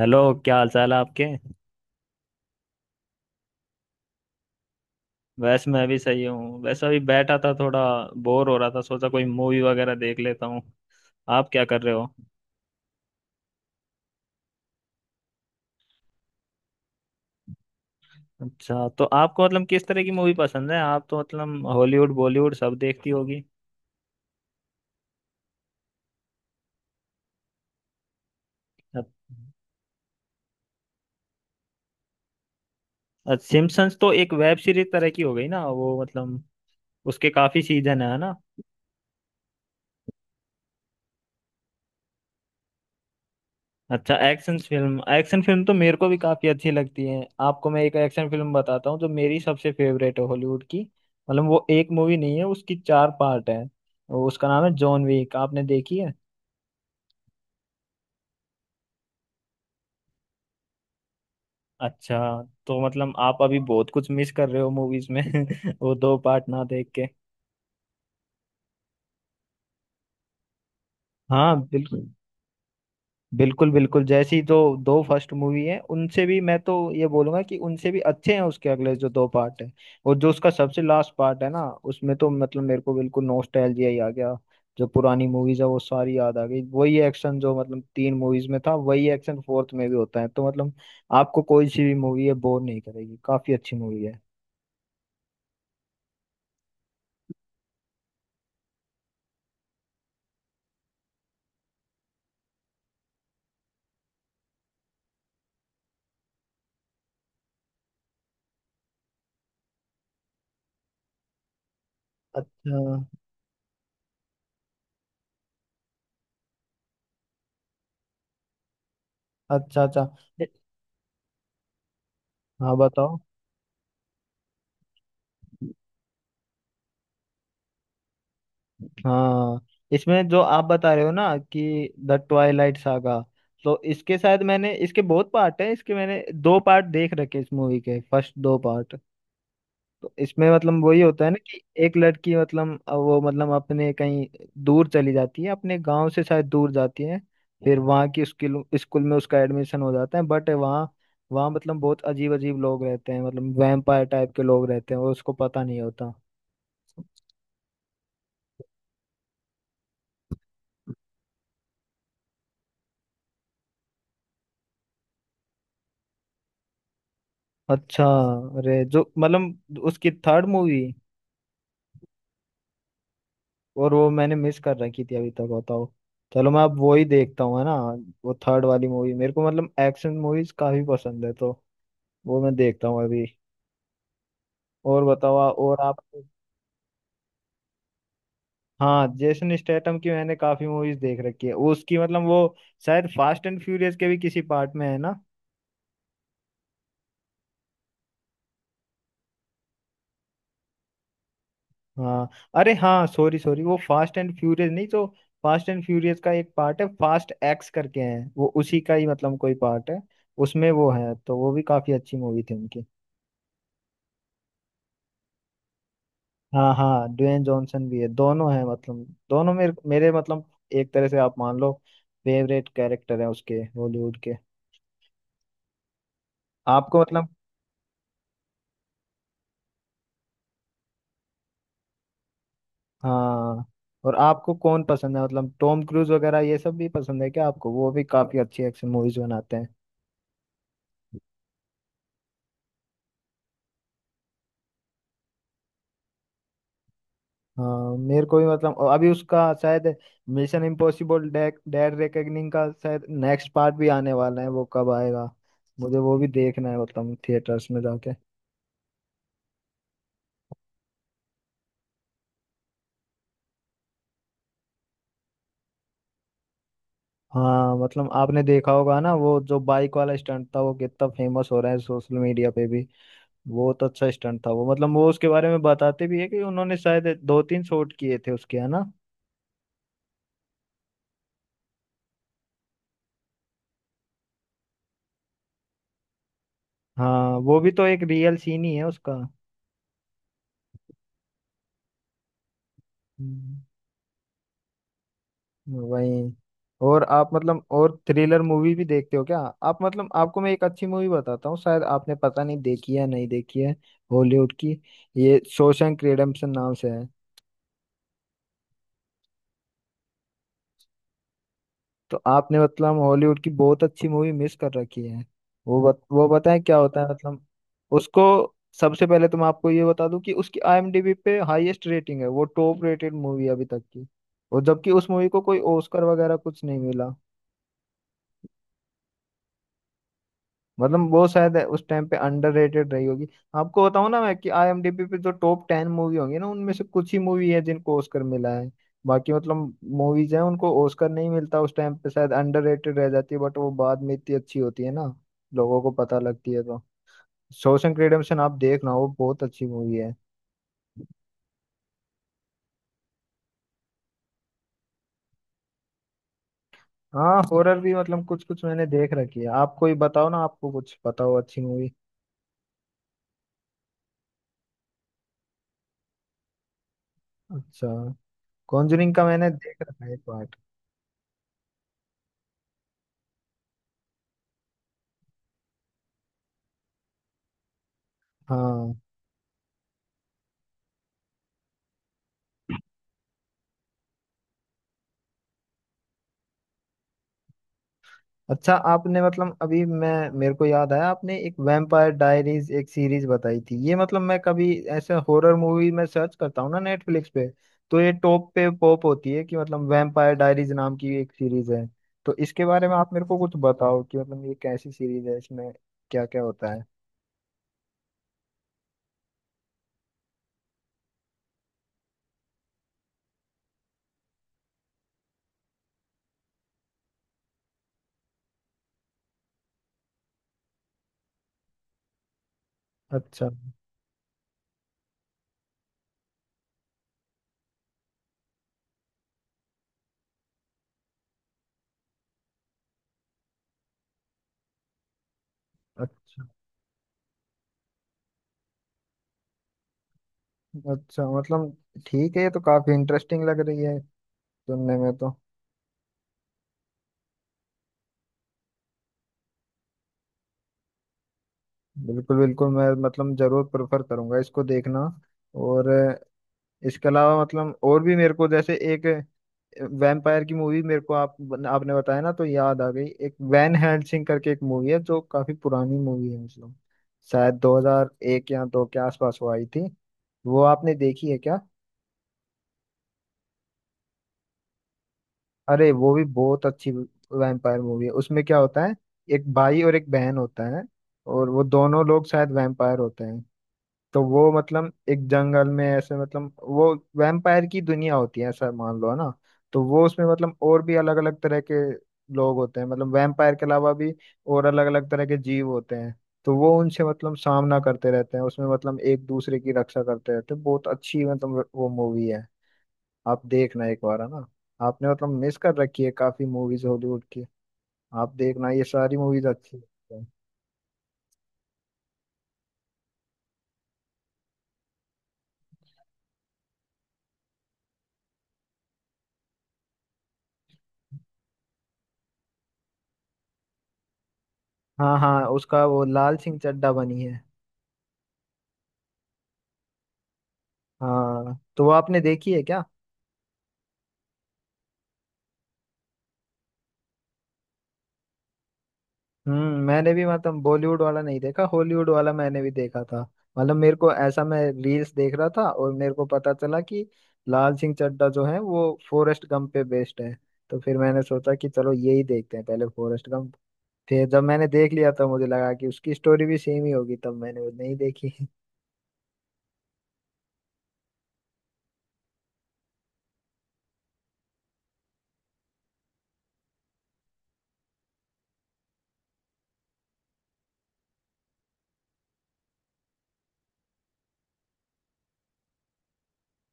Hello. क्या हाल चाल है आपके? वैसे मैं भी सही हूँ। वैसे अभी बैठा था, थोड़ा बोर हो रहा था, सोचा कोई मूवी वगैरह देख लेता हूँ। आप क्या कर रहे हो? अच्छा, तो आपको मतलब किस तरह की मूवी पसंद है? आप तो मतलब हॉलीवुड बॉलीवुड सब देखती होगी। अच्छा, सिम्पसन्स तो एक वेब सीरीज तरह की हो गई ना, वो मतलब उसके काफी सीजन है ना। अच्छा, एक्शन फिल्म तो मेरे को भी काफी अच्छी लगती है। आपको मैं एक एक्शन फिल्म बताता हूँ जो मेरी सबसे फेवरेट है हॉलीवुड की। मतलब वो एक मूवी नहीं है, उसकी चार पार्ट है। उसका नाम है जॉन विक। आपने देखी है? अच्छा, तो मतलब आप अभी बहुत कुछ मिस कर रहे हो मूवीज में वो दो पार्ट ना देख के। हाँ बिल्कुल, बिल्कुल बिल्कुल। जैसी जो दो फर्स्ट मूवी है उनसे भी मैं तो ये बोलूंगा कि उनसे भी अच्छे हैं उसके अगले जो दो पार्ट है। और जो उसका सबसे लास्ट पार्ट है ना, उसमें तो मतलब मेरे को बिल्कुल नॉस्टैल्जिया ही आ गया। जो पुरानी मूवीज है वो सारी याद आ गई। वही एक्शन जो मतलब तीन मूवीज में था वही एक्शन फोर्थ में भी होता है। तो मतलब आपको कोई सी भी मूवी है बोर नहीं करेगी, काफी अच्छी मूवी है। अच्छा, अच्छा, अच्छा। ए- हाँ बताओ। हाँ, इसमें जो आप बता रहे हो ना कि द ट्वाइलाइट सागा। तो इसके शायद मैंने, इसके बहुत पार्ट है, इसके मैंने दो पार्ट देख रखे इस मूवी के, फर्स्ट दो पार्ट। तो इसमें मतलब वही होता है ना कि एक लड़की मतलब वो मतलब अपने कहीं दूर चली जाती है अपने गांव से शायद दूर जाती है। फिर वहाँ की स्कूल स्कूल में उसका एडमिशन हो जाता है, बट वहाँ वहाँ मतलब बहुत अजीब अजीब लोग रहते हैं, मतलब वैम्पायर टाइप के लोग रहते हैं और उसको पता नहीं होता। अच्छा, अरे जो मतलब उसकी थर्ड मूवी, और वो मैंने मिस कर रखी थी अभी तक, बताओ। चलो मैं अब वो ही देखता हूँ, है ना। वो थर्ड वाली मूवी, मेरे को मतलब एक्शन मूवीज काफी पसंद है तो वो मैं देखता हूँ अभी। और बताओ। और आप? हाँ, जेसन स्टेटम की मैंने काफी मूवीज देख रखी है उसकी। मतलब वो शायद फास्ट एंड फ्यूरियस के भी किसी पार्ट में है ना। हाँ। अरे हाँ, सॉरी सॉरी, वो फास्ट एंड फ्यूरियस नहीं तो। फास्ट एंड फ्यूरियस का एक पार्ट है फास्ट एक्स करके, है वो उसी का ही मतलब कोई पार्ट है। उसमें वो है, तो वो भी काफी अच्छी मूवी थी उनकी। हाँ हाँ, ड्वेन जॉनसन भी है, दोनों हैं मतलब। दोनों मेरे मेरे मतलब, एक तरह से आप मान लो, फेवरेट कैरेक्टर है उसके हॉलीवुड के। आपको मतलब। हाँ। और आपको कौन पसंद है, मतलब टॉम क्रूज वगैरह ये सब भी पसंद है क्या आपको? वो भी काफी अच्छी एक्शन मूवीज बनाते हैं। हाँ मेरे को भी मतलब। और अभी उसका शायद मिशन इम्पॉसिबल डेड रेकनिंग का शायद नेक्स्ट पार्ट भी आने वाला है, वो कब आएगा? मुझे वो भी देखना है, मतलब थिएटर्स में जाके। हाँ, मतलब आपने देखा होगा ना, वो जो बाइक वाला स्टंट था वो कितना फेमस हो रहा है सोशल मीडिया पे भी। बहुत अच्छा स्टंट था वो, मतलब वो उसके बारे में बताते भी है कि उन्होंने शायद दो तीन शॉट किए थे उसके, है ना। हाँ, वो भी तो एक रियल सीन ही है उसका। हम्म। वही। और आप मतलब और थ्रिलर मूवी भी देखते हो क्या? आप मतलब, आपको मैं एक अच्छी मूवी बताता हूँ, शायद आपने पता नहीं देखी है नहीं देखी है। हॉलीवुड की ये शॉशैंक रिडेम्पशन नाम से है। तो आपने मतलब हॉलीवुड की बहुत अच्छी मूवी मिस कर रखी है। वो बताएं क्या होता है मतलब उसको। सबसे पहले तो मैं आपको ये बता दूं कि उसकी आईएमडीबी पे हाईएस्ट रेटिंग है, वो टॉप रेटेड मूवी अभी तक की। और जबकि उस मूवी को कोई ऑस्कर वगैरह कुछ नहीं मिला। मतलब वो शायद उस टाइम पे अंडररेटेड रही होगी। आपको बताऊं ना मैं कि आईएमडीबी पे जो टॉप टेन मूवी होंगी ना, उनमें से कुछ ही मूवी है जिनको ऑस्कर मिला है। बाकी मतलब मूवीज हैं उनको ऑस्कर नहीं मिलता, उस टाइम पे शायद अंडररेटेड रह जाती है, बट वो बाद में इतनी अच्छी होती है ना, लोगों को पता लगती है, तो शॉशैंक रिडेम्पशन आप देखना, वो बहुत अच्छी मूवी है। हाँ, हॉरर भी मतलब कुछ कुछ मैंने देख रखी है। आप कोई बताओ ना, आपको कुछ पता हो अच्छी मूवी। अच्छा, कॉन्जरिंग का मैंने देख रखा है एक पार्ट। हाँ। अच्छा, आपने मतलब, अभी मैं, मेरे को याद आया, आपने एक वैम्पायर डायरीज एक सीरीज बताई थी ये, मतलब मैं कभी ऐसे हॉरर मूवी में सर्च करता हूँ ना नेटफ्लिक्स पे। तो ये टॉप पे पॉप होती है कि मतलब वैम्पायर डायरीज नाम की एक सीरीज है, तो इसके बारे में आप मेरे को कुछ बताओ कि मतलब ये कैसी सीरीज है, इसमें क्या क्या होता है। अच्छा, अच्छा, अच्छा। मतलब ठीक है, ये तो काफी इंटरेस्टिंग लग रही है सुनने में तो। बिल्कुल बिल्कुल, मैं मतलब जरूर प्रेफर करूंगा इसको देखना। और इसके अलावा मतलब और भी मेरे को जैसे एक वैम्पायर की मूवी मेरे को, आप आपने बताया ना तो याद आ गई। एक वैन हेल्सिंग करके एक मूवी है जो काफी पुरानी मूवी है, मतलब शायद 2001 या दो के आसपास वो आई थी। वो आपने देखी है क्या? अरे वो भी बहुत अच्छी वैम्पायर मूवी है। उसमें क्या होता है, एक भाई और एक बहन होता है। और वो दोनों लोग शायद वैम्पायर होते हैं। तो वो मतलब एक जंगल में ऐसे, मतलब वो वैम्पायर की दुनिया होती है ऐसा मान लो है ना। तो वो उसमें मतलब और भी अलग अलग तरह के लोग होते हैं, मतलब वैम्पायर के अलावा भी, और अलग अलग तरह के जीव होते हैं। तो वो उनसे मतलब सामना करते रहते हैं उसमें, मतलब एक दूसरे की रक्षा करते रहते हैं। बहुत अच्छी मतलब वो मूवी है, आप देखना एक बार, है ना। आपने मतलब मिस कर रखी है काफी मूवीज हॉलीवुड की, आप देखना ये सारी मूवीज अच्छी हैं। हाँ हाँ, उसका वो लाल सिंह चड्ढा बनी है। हाँ, तो वो आपने देखी है क्या? मैंने भी मतलब बॉलीवुड वाला नहीं देखा, हॉलीवुड वाला मैंने भी देखा था। मतलब मेरे को ऐसा, मैं रील्स देख रहा था और मेरे को पता चला कि लाल सिंह चड्ढा जो है वो फॉरेस्ट गंप पे बेस्ड है। तो फिर मैंने सोचा कि चलो यही देखते हैं पहले फॉरेस्ट गंप। फिर जब मैंने देख लिया तो मुझे लगा कि उसकी स्टोरी भी सेम ही होगी, तब मैंने वो नहीं देखी।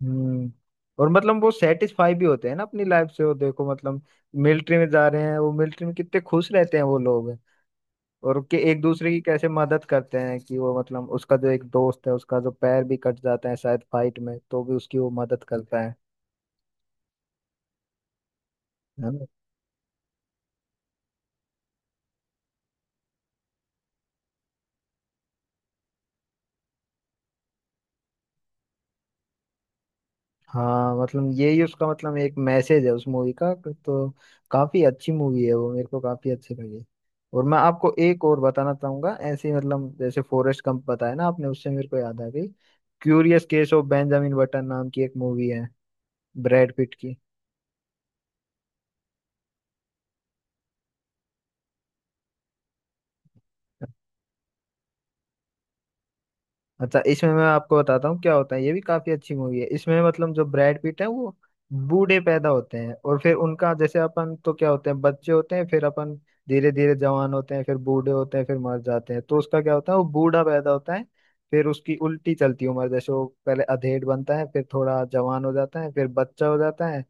हम्म और मतलब वो सेटिस्फाई भी होते हैं ना अपनी लाइफ से, वो देखो मतलब मिलिट्री में जा रहे हैं, वो मिलिट्री में कितने खुश रहते हैं वो लोग। और कि एक दूसरे की कैसे मदद करते हैं, कि वो मतलब उसका जो एक दोस्त है उसका जो पैर भी कट जाता है शायद फाइट में तो भी उसकी वो मदद करता है ना। हाँ, मतलब यही उसका मतलब एक मैसेज है उस मूवी का, तो काफी अच्छी मूवी है वो, मेरे को काफी अच्छी लगी। और मैं आपको एक और बताना चाहूंगा ऐसे ही, मतलब जैसे फॉरेस्ट गंप बताया ना आपने, उससे मेरे को याद आ गई। Curious case of Benjamin Button नाम की एक मूवी है, ब्रैड पिट की। अच्छा, इसमें मैं आपको बताता हूँ क्या होता है, ये भी काफी अच्छी मूवी है। इसमें मतलब जो ब्रैड पीट है वो बूढ़े पैदा होते हैं। और फिर उनका जैसे, अपन तो क्या होते हैं, बच्चे होते हैं, फिर अपन धीरे धीरे जवान होते हैं, फिर बूढ़े होते हैं, फिर मर जाते हैं। तो उसका क्या होता है, वो बूढ़ा पैदा होता है, फिर उसकी उल्टी चलती उम्र। जैसे वो पहले अधेड़ बनता है, फिर थोड़ा जवान हो जाता है, फिर बच्चा हो जाता है,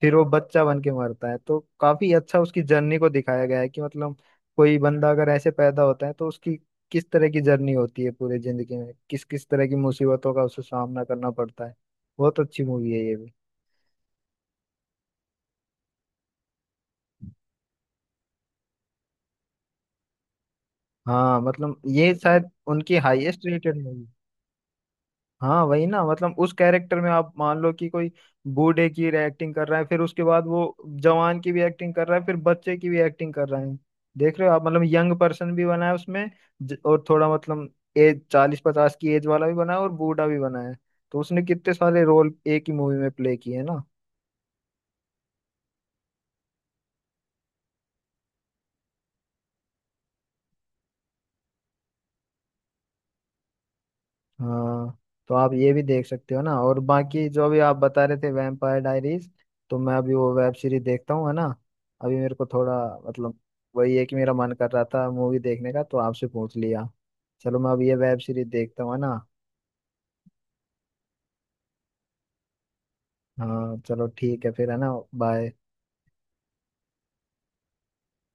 फिर वो बच्चा बन के मरता है। तो काफी अच्छा उसकी जर्नी को दिखाया गया है कि मतलब, कोई बंदा अगर ऐसे पैदा होता है तो उसकी किस तरह की जर्नी होती है पूरी जिंदगी में, किस किस तरह की मुसीबतों का उसे सामना करना पड़ता है। बहुत अच्छी मूवी है ये भी। हाँ, मतलब ये शायद उनकी हाईएस्ट रेटेड मूवी। हाँ वही ना, मतलब उस कैरेक्टर में आप मान लो कि कोई बूढ़े की एक्टिंग कर रहा है, फिर उसके बाद वो जवान की भी एक्टिंग कर रहा है, फिर बच्चे की भी एक्टिंग कर रहा है। देख रहे हो आप, मतलब यंग पर्सन भी बना है उसमें, और थोड़ा मतलब एज 40 50 की एज वाला भी बना है और बूढ़ा भी बना है। तो उसने कितने सारे रोल एक ही मूवी में प्ले किए हैं ना। हाँ, तो आप ये भी देख सकते हो ना। और बाकी जो भी आप बता रहे थे वैम्पायर डायरीज। तो मैं अभी वो वेब सीरीज देखता हूँ, है ना। अभी मेरे को थोड़ा मतलब वही है कि मेरा मन कर रहा था मूवी देखने का तो आपसे पूछ लिया। चलो मैं अब ये वेब सीरीज देखता हूँ, है ना। हाँ चलो ठीक है फिर, है ना, बाय।